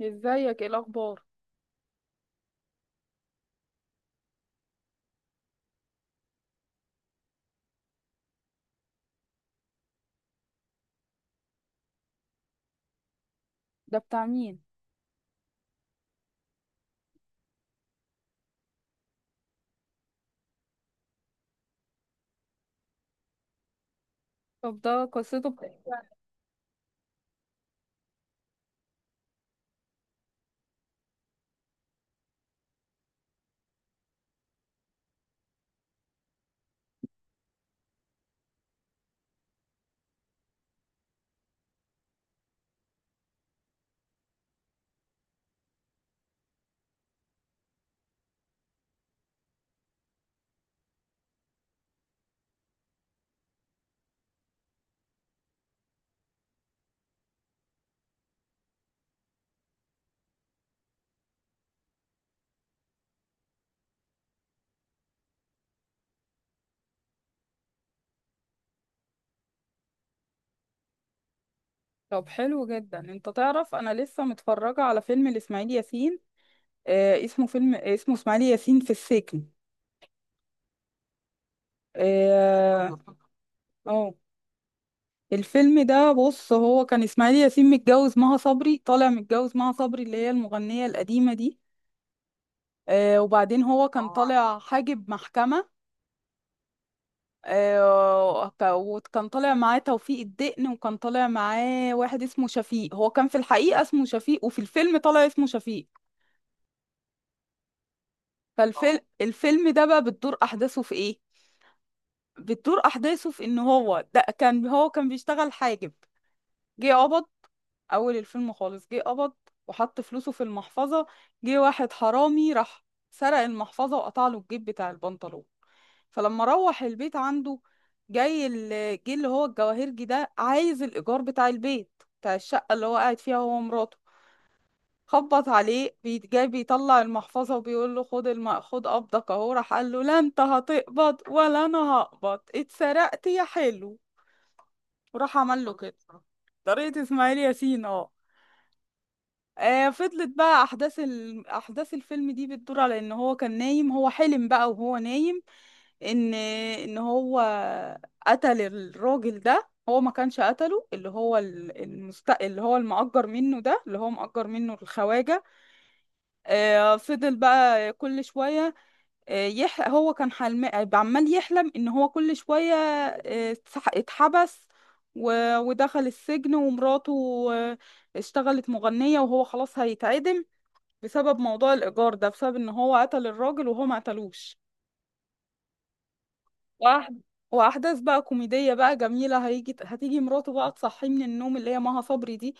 ازيك، ايه الاخبار؟ ده بتاع مين؟ طب ده قصته بتحكي عن- طب حلو جدا. انت تعرف انا لسه متفرجه على فيلم لاسماعيل ياسين. اسمه فيلم، اسمه اسماعيل ياسين في السجن. اه. آه. الفيلم ده، بص، هو كان اسماعيل ياسين متجوز مها صبري، طالع متجوز مها صبري اللي هي المغنيه القديمه دي. وبعدين هو كان طالع حاجب محكمه. وكان طالع معاه توفيق الدقن، وكان طالع معاه واحد اسمه شفيق. هو كان في الحقيقة اسمه شفيق، وفي الفيلم طالع اسمه شفيق. فالفيلم اه الفيلم ده بقى بتدور أحداثه في إيه؟ بتدور أحداثه في إن هو ده كان، هو كان بيشتغل حاجب. جه قبض، أول الفيلم خالص جه قبض، وحط فلوسه في المحفظة. جه واحد حرامي راح سرق المحفظة، وقطع له الجيب بتاع البنطلون. فلما روح البيت عنده، جه اللي هو الجواهرجي ده، عايز الإيجار بتاع البيت، بتاع الشقة اللي هو قاعد فيها هو ومراته. جاي بيطلع المحفظة، وبيقول له: خد خد قبضك اهو. راح قال له: لا، انت هتقبض ولا انا هقبض؟ اتسرقت يا حلو، وراح عمل له كده. طريقة اسماعيل ياسين اه. فضلت بقى احداث الفيلم دي بتدور على ان هو كان نايم. هو حلم بقى وهو نايم ان هو قتل الراجل ده، هو ما كانش قتله. اللي هو المأجر منه ده، اللي هو مأجر منه الخواجة. آه، فضل بقى كل شوية، هو كان عمال يحلم ان هو كل شوية، اتحبس و... ودخل السجن. ومراته آه اشتغلت مغنية، وهو خلاص هيتعدم، بسبب موضوع الإيجار ده، بسبب ان هو قتل الراجل وهو ما قتلوش. وأح- واحداث بقى كوميديه بقى جميله. هتيجي مراته بقى تصحيه من النوم، اللي هي مها صبري دي.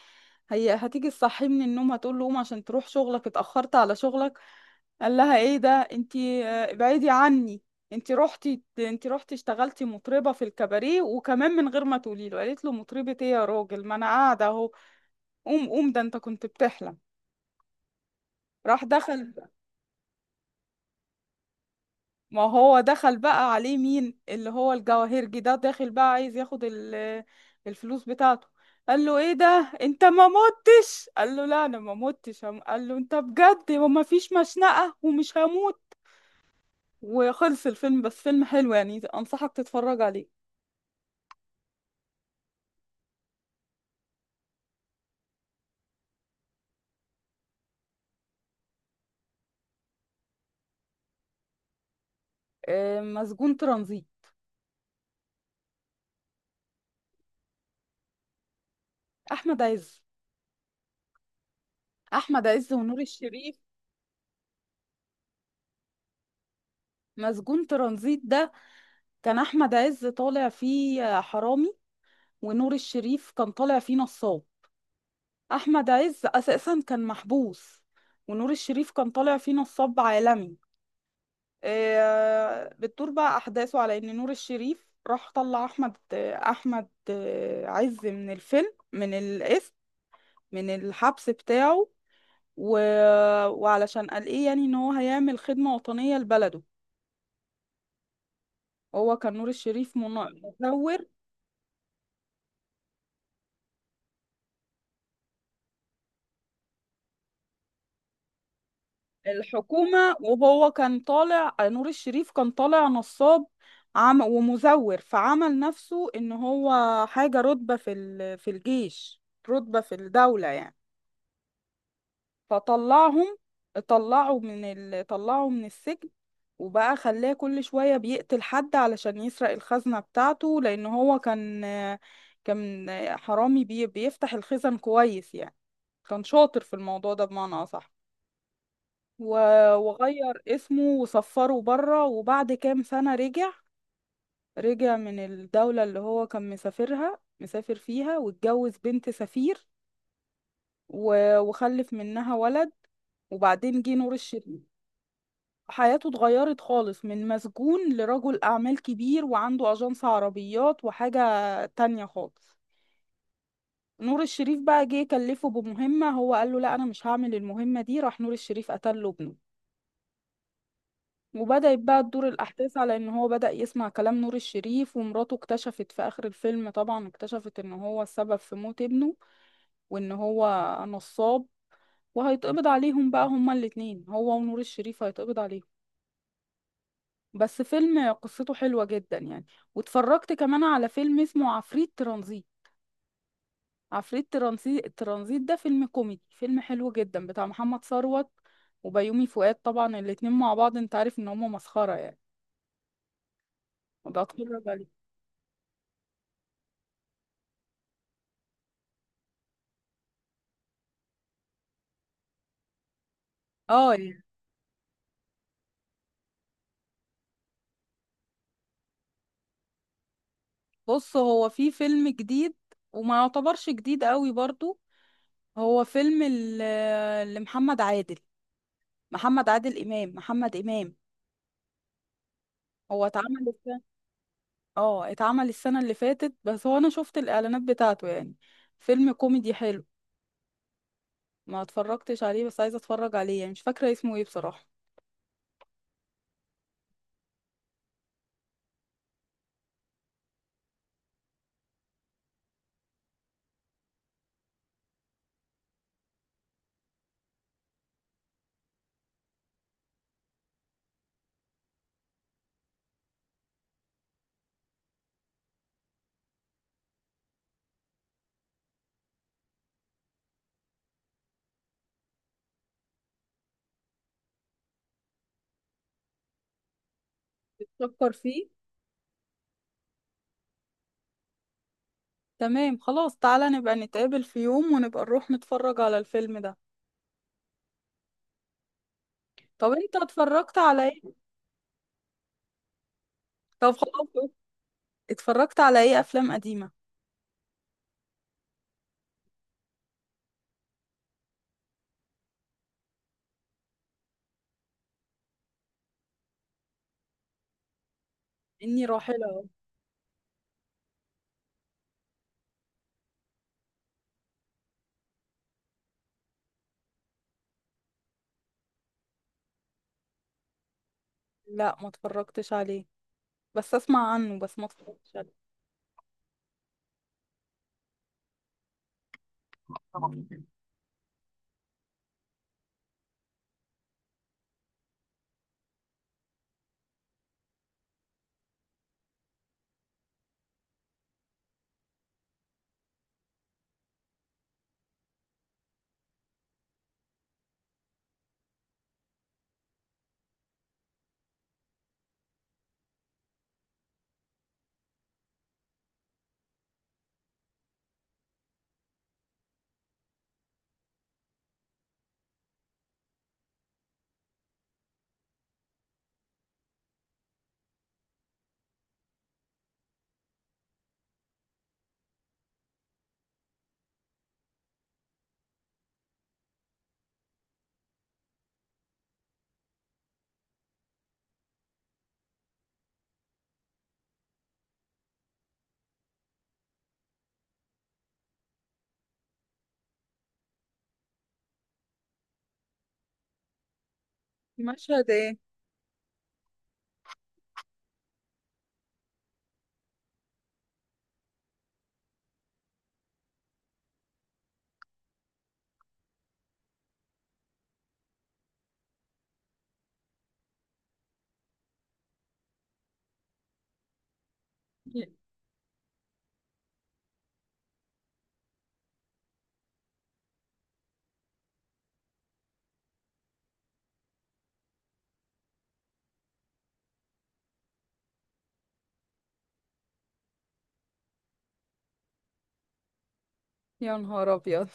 هي هتيجي تصحيه من النوم، هتقول له: قوم عشان تروح شغلك، اتاخرت على شغلك. قال لها: ايه ده انتي؟ ابعدي عني، انتي رحتي، انتي رحتي اشتغلتي مطربه في الكباريه، وكمان من غير ما تقولي له. قالت له: مطربه ايه يا راجل؟ ما انا قاعده اهو، قوم قوم، ده انت كنت بتحلم. راح دخل، ما هو دخل بقى عليه مين؟ اللي هو الجواهرجي ده، داخل بقى عايز ياخد الفلوس بتاعته. قال له: ايه ده انت ما متش؟ قال له: لا، انا ما متش. قال له: انت بجد؟ وما فيش مشنقة ومش هموت؟ وخلص الفيلم. بس فيلم حلو يعني، انصحك تتفرج عليه. مسجون ترانزيت. احمد عز. احمد عز ونور الشريف. مسجون ترانزيت ده، كان احمد عز طالع فيه حرامي، ونور الشريف كان طالع فيه نصاب. احمد عز اساسا كان محبوس، ونور الشريف كان طالع فيه نصاب عالمي. بتدور بقى احداثه على ان نور الشريف راح طلع احمد احمد آه، عز من الفيلم من الاسم، من الحبس بتاعه. و... وعلشان قال ايه يعني، ان هو هيعمل خدمة وطنية لبلده. هو كان نور الشريف من- مزور. الحكومة، وهو كان طالع، نور الشريف كان طالع نصاب عم ومزور، فعمل نفسه ان هو حاجة، رتبة في الجيش، رتبة في الدولة يعني. فطلعهم، طلعوا من السجن. وبقى خلاه كل شوية بيقتل حد علشان يسرق الخزنة بتاعته، لأن هو كان بيفتح الخزن كويس يعني، كان شاطر في الموضوع ده بمعنى أصح. وغير اسمه وصفره بره، وبعد كام سنة رجع، رجع من الدولة اللي هو كان مسافرها، مسافر فيها، واتجوز بنت سفير، وخلف منها ولد. وبعدين جه نور الشريف. حياته اتغيرت خالص، من مسجون لرجل أعمال كبير، وعنده أجنس عربيات وحاجة تانية خالص. نور الشريف بقى جه كلفه بمهمة، هو قال له: لا، أنا مش هعمل المهمة دي. راح نور الشريف قتل له ابنه، وبدأت بقى تدور الأحداث على إن هو بدأ يسمع كلام نور الشريف. ومراته اكتشفت في آخر الفيلم طبعا، اكتشفت إن هو السبب في موت ابنه، وإن هو نصاب. وهيتقبض عليهم بقى هما الاتنين، هو ونور الشريف هيتقبض عليهم. بس فيلم قصته حلوة جدا يعني. واتفرجت كمان على فيلم اسمه عفريت ترانزيت. عفريت ترانزيت ده فيلم كوميدي، فيلم حلو جدا، بتاع محمد ثروت وبيومي فؤاد. طبعا الاتنين مع بعض انت عارف ان هما مسخرة يعني. وبتفرج عليه. اه. بص، هو في فيلم جديد، وما يعتبرش جديد قوي برضو. هو فيلم لمحمد عادل، محمد عادل إمام، محمد إمام. هو اتعمل السنة. اه، اتعمل السنة اللي فاتت. بس هو انا شفت الإعلانات بتاعته يعني، فيلم كوميدي حلو. ما اتفرجتش عليه، بس عايزة اتفرج عليه يعني. مش فاكرة اسمه ايه بصراحة. بتفكر فيه. تمام خلاص، تعالى نبقى نتقابل في يوم ونبقى نروح نتفرج على الفيلم ده. طب انت اتفرجت على ايه؟ طب خلاص. اتفرجت على ايه، افلام قديمة؟ إني راحلة. لا، ما اتفرجتش عليه، بس اسمع عنه، بس ما اتفرجتش عليه. مشهد ايه؟ ي- يا نهار ابيض.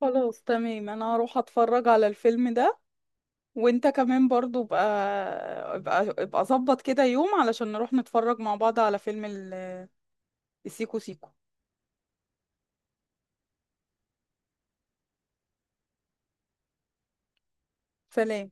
خلاص تمام، انا هروح اتفرج على الفيلم ده. وانت كمان برضو بقى، ابقى ابقى ظبط كده يوم علشان نروح نتفرج مع بعض على فيلم السيكو سيكو. سلام.